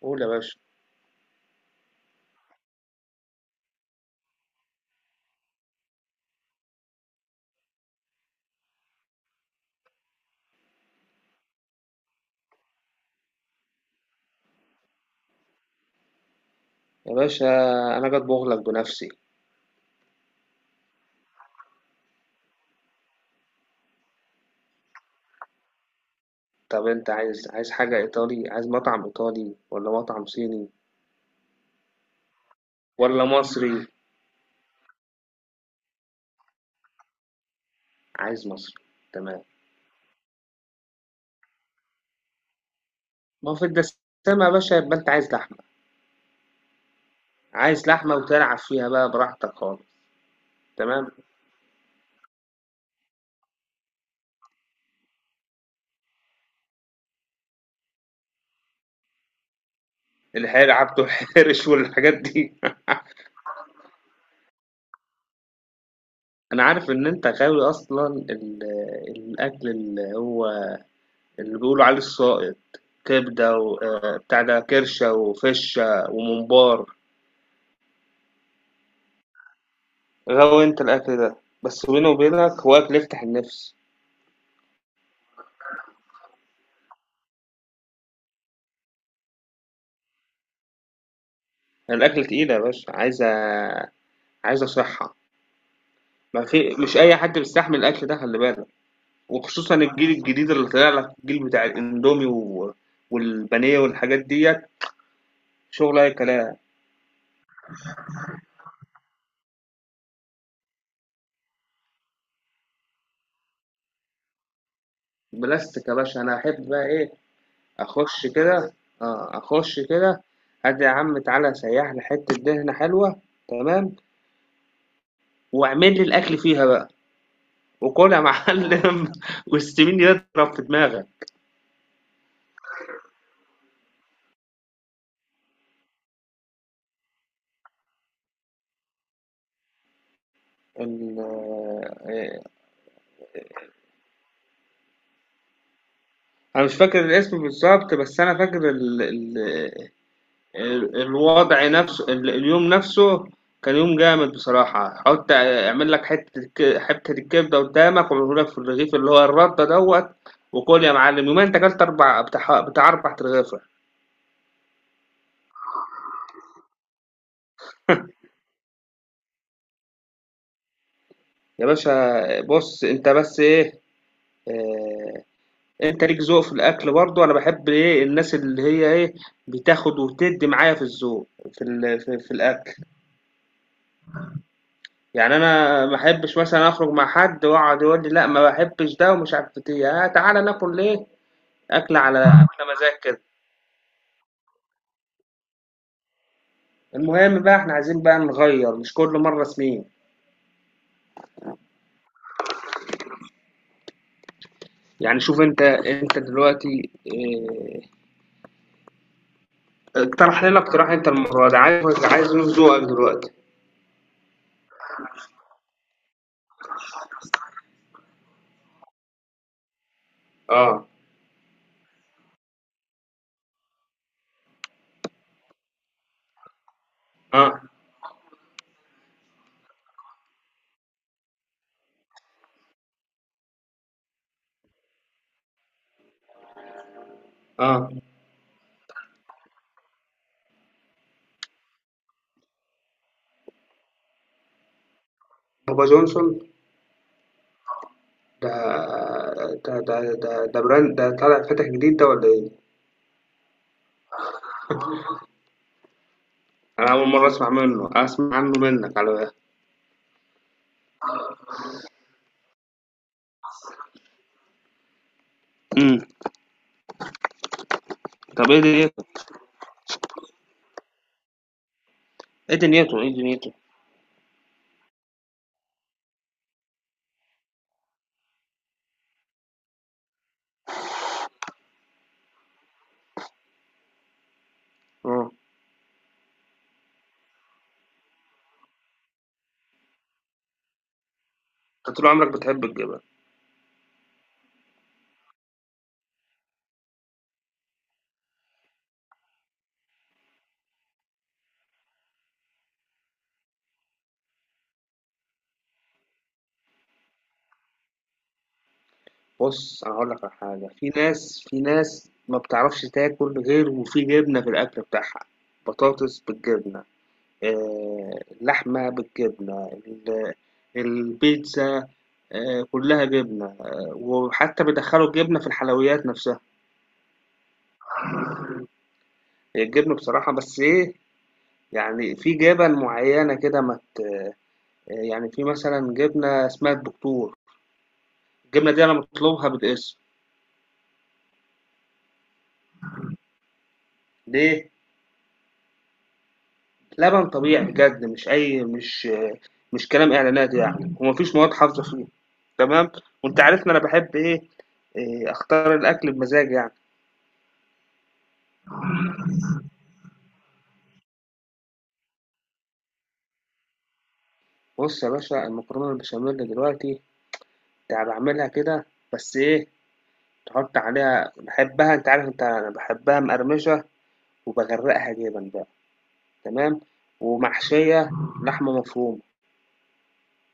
قول يا باشا. يا باشا انا جاي اطبخ لك بنفسي. طب انت عايز حاجه ايطالي، عايز مطعم ايطالي ولا مطعم صيني ولا مصري؟ عايز مصري، تمام. ما هو في الدسامه يا باشا، يبقى انت عايز لحمه. عايز لحمه وتلعب فيها بقى براحتك خالص. تمام. الحيل عبده الحرش والحاجات دي. انا عارف ان انت غاوي اصلا الاكل اللي هو اللي بيقولوا عليه السائط، كبده وبتاع ده، كرشه وفشه وممبار. غوي أنت الأكل ده، بس بيني وبينك هو أكل يفتح النِفس. يعني الأكل تقيل يا باشا، عايزة صحة. ما في مش أي حد بيستحمل الأكل ده، خلّي بالك، وخصوصًا الجيل الجديد اللي طالع لك، الجيل بتاع الإندومي و والبانيه والحاجات ديّة، شغل أي كلام. بلاستيك يا باشا. أنا أحب بقى إيه؟ أخُش كده أخُش كده. هات يا عم، تعالَ سيّح لي حتّة دهنة حلوة، تمام، واعمل لي الأكل فيها بقى، وكُل يا معلم واستمِنّي اضرب في دماغك. ال آه، انا مش فاكر الاسم بالظبط، بس انا فاكر الوضع نفسه، اليوم نفسه كان يوم جامد بصراحة. حط اعمل لك حتة حتة الكبدة قدامك، وعمله لك في الرغيف اللي هو الردة دوت، وكل يا معلم. يومين انت اكلت اربع بتاع اربع رغيفة. يا باشا بص، انت بس ايه، آه، انت ليك ذوق في الاكل برضو. انا بحب ايه، الناس اللي هي ايه، بتاخد وتدي معايا في الذوق في في الاكل. يعني أنا ما أحبّش مثلًا أخرج مع حد ويقعد يقول لي لأ ما باحبّش ده ومش عارف بت، تعالَ ناكل إيه، أكلة على مزاج كده. المهم بقى إحنا عايزين بقى نغيّر، مش كل مرّه سمين. يعني شوف أنت، أنت دلوقتي اقترح لنا اقتراح أنت المرّة دي، عايز نشوف ذوقك دلوقتي. آه. آه. آه. بابا جونسون؟ ده ده ده ده brand ده طالع فاتح جديد ده والّا إيه؟ أنا أول مرّة أسمع منّه، أسمع عنّه منّك على. إمم. طَب إيه ده؟ ايه دنيته؟ اه، انت طول عمرك بتحب الجبن. بص انا هقول لك على حاجه، في ناس، في ناس ما بتعرفش تاكل غير وفي جبنه في الاكل بتاعها. بطاطس بالجبنه، آه، اللحمه بالجبنه، البيتزا، آه، كلها جبنه، آه، وحتى بيدخلوا الجبنه في الحلويات نفسها. هي الجبنه بصراحه، بس ايه، يعني في جبن معينه كده ما ت- آه، يعني في مثلا جبنه اسمها الدكتور. الجبنه دي انا مطلوبها بالاسم. ليه؟ لبن طبيعي بجد، مش أي مش مش كلام إعلانات يعني، ومفيش مواد حافظة فيه. تمام. وأنت عارفني أنا بحب إيه، إيه، اختار الاكل بمزاج يعني. بص يا باشا، المكرونه البشاميل دلوقتي يعني بعملها كده، بس ايه، تحط عليها، بحبها انت عارف، انت انا بحبها مقرمشه، وبغرقها جبن بقى، تمام، ومحشيه لحمه مفرومه.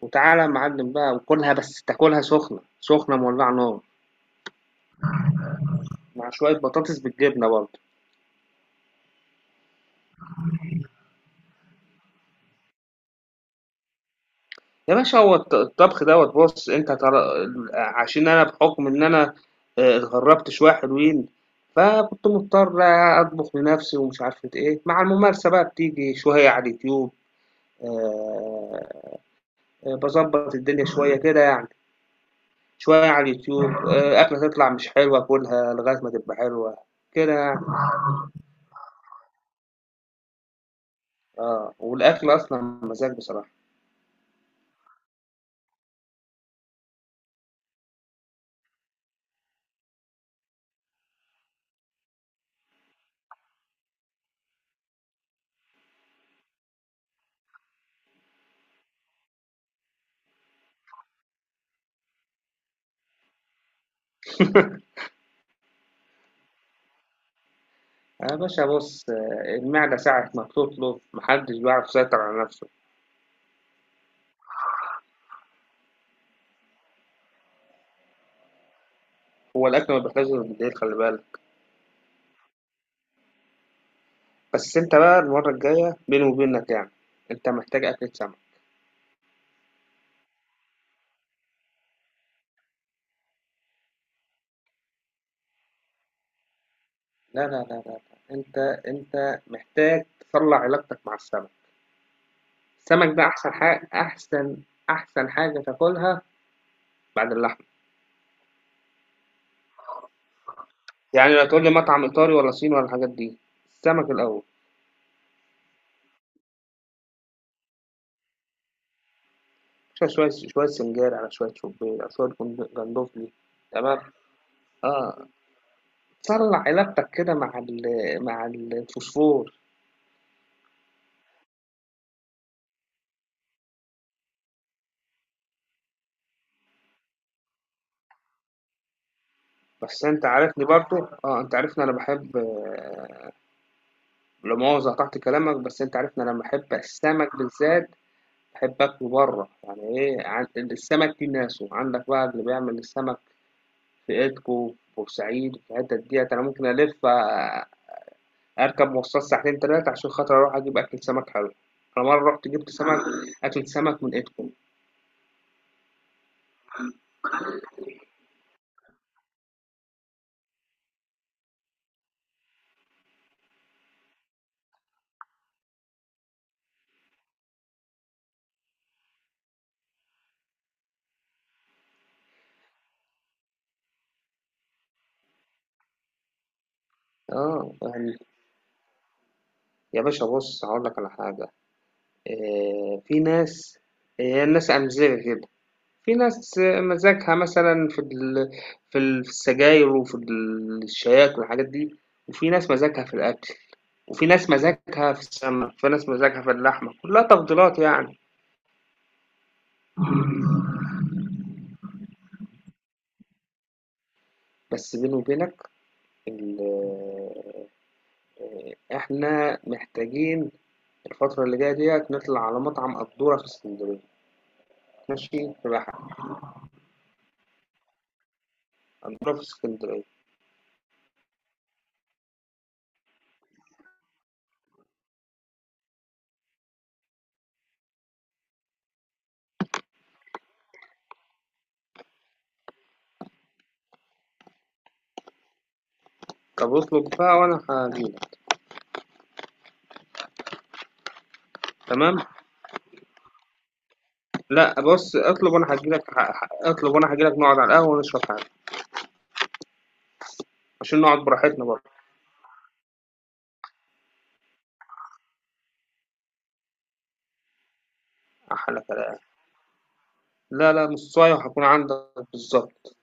وتعالى يا معلم بقى وكلها، بس تاكلها سخنه سخنه مولعه نار، مع شويه بطاطس بالجبنه برضه. يا باشا، هو الطبخ دوّة، بُص، أنت هتعر، عشان أنا بحُكم إن أنا اتغرّبت شوية حلوين، فكنت مضطر أطبخ لنَفْسي ومش عارفة إيه. مع الممارسة بقى بتيجي شوية على اليوتيوب، آآ باضبّط الدنيا شوية كده يعني. شوية على اليوتيوب، أكلة تطلع مش حلوة آكلها لغاية ما تبقى حلوة، كده يعني. آه، والأكل أصلًا مزاج بصراحة. يا باشا بُص، آه، المعدة ساعة ما بتطلب ما حدّش بيعرف يسيطر على نَفْسه. هو الأكل ما بيحتاجش غير بالليل، خلي بالك. بس أنت بقى المرة الجاية بيني وبينك يعني، أنت محتاج أكلة سمك. لا لا لا لا لا. أنت أنت محتاج تطلع علاقتك مع السمك. السمك ده أحسن حاجة، أحسن حاجة تاكلها بعد اللحمة. يعني لا تقول لي مطعم إيطالي ولا صيني ولا الحاجات دي، السمك الأول. شوية شوية سنجاري، على شوية شوبير، على شوية جندوفلي. تمام. اه. طلع علاقتك كده مع مع الفوسفور. بس أنت عارفني برضه، آه، أنت عارفني أنا باحب لا مؤاخذة قطعت كلامك، بس أنت عارفني أنا لمّا أحب السمك بالذات باحب آكله برّه. يعني إيه عن السمك ليه ناسه، عندك بقى اللي بيعمل السمك في إيدكو، في بورسعيد، في الحتت ديّة. أنا ممكن ألِف أركب مواصلات ساعتين 3 عشان خاطر أروح أجيب أكلة سمك حلوة. أنا مرّة رُحت جِبت سمك، أكلة سمك من إيدكو، آه. يعني يا باشا بُص، هاقول لك على حاجة، في ناس، آه، هي الناس أمزجة كده. في ناس مزاجها مثلًا في ال في ال في السجاير، وفي الشياكة والحاجات دي، وفي ناس مزاجها في الأكل، وفي ناس مزاجها في السمك، وفي ناس مزاجها في اللحمة، كلّها تفضيلات يعني. بس بيني وبينك ال إحنا محتاجين الفترة اللي جاية ديّة نطلع على مطعم قدّورة في إسكندرية. ماشي، تبقى قدّورة في إسكندرية. طَب اطلب بقى وأنا هاجي لك، تمام؟ لأ بُص، اطلب وأنا هاجي لك، ه ه اطلب وأنا هاجي لك نقعد على القهوة ونشرب حاجة. عشان نقعد براحتنا برضه. أحلى كلام. لا لا، نصاية، وهكون عندك بالضبط.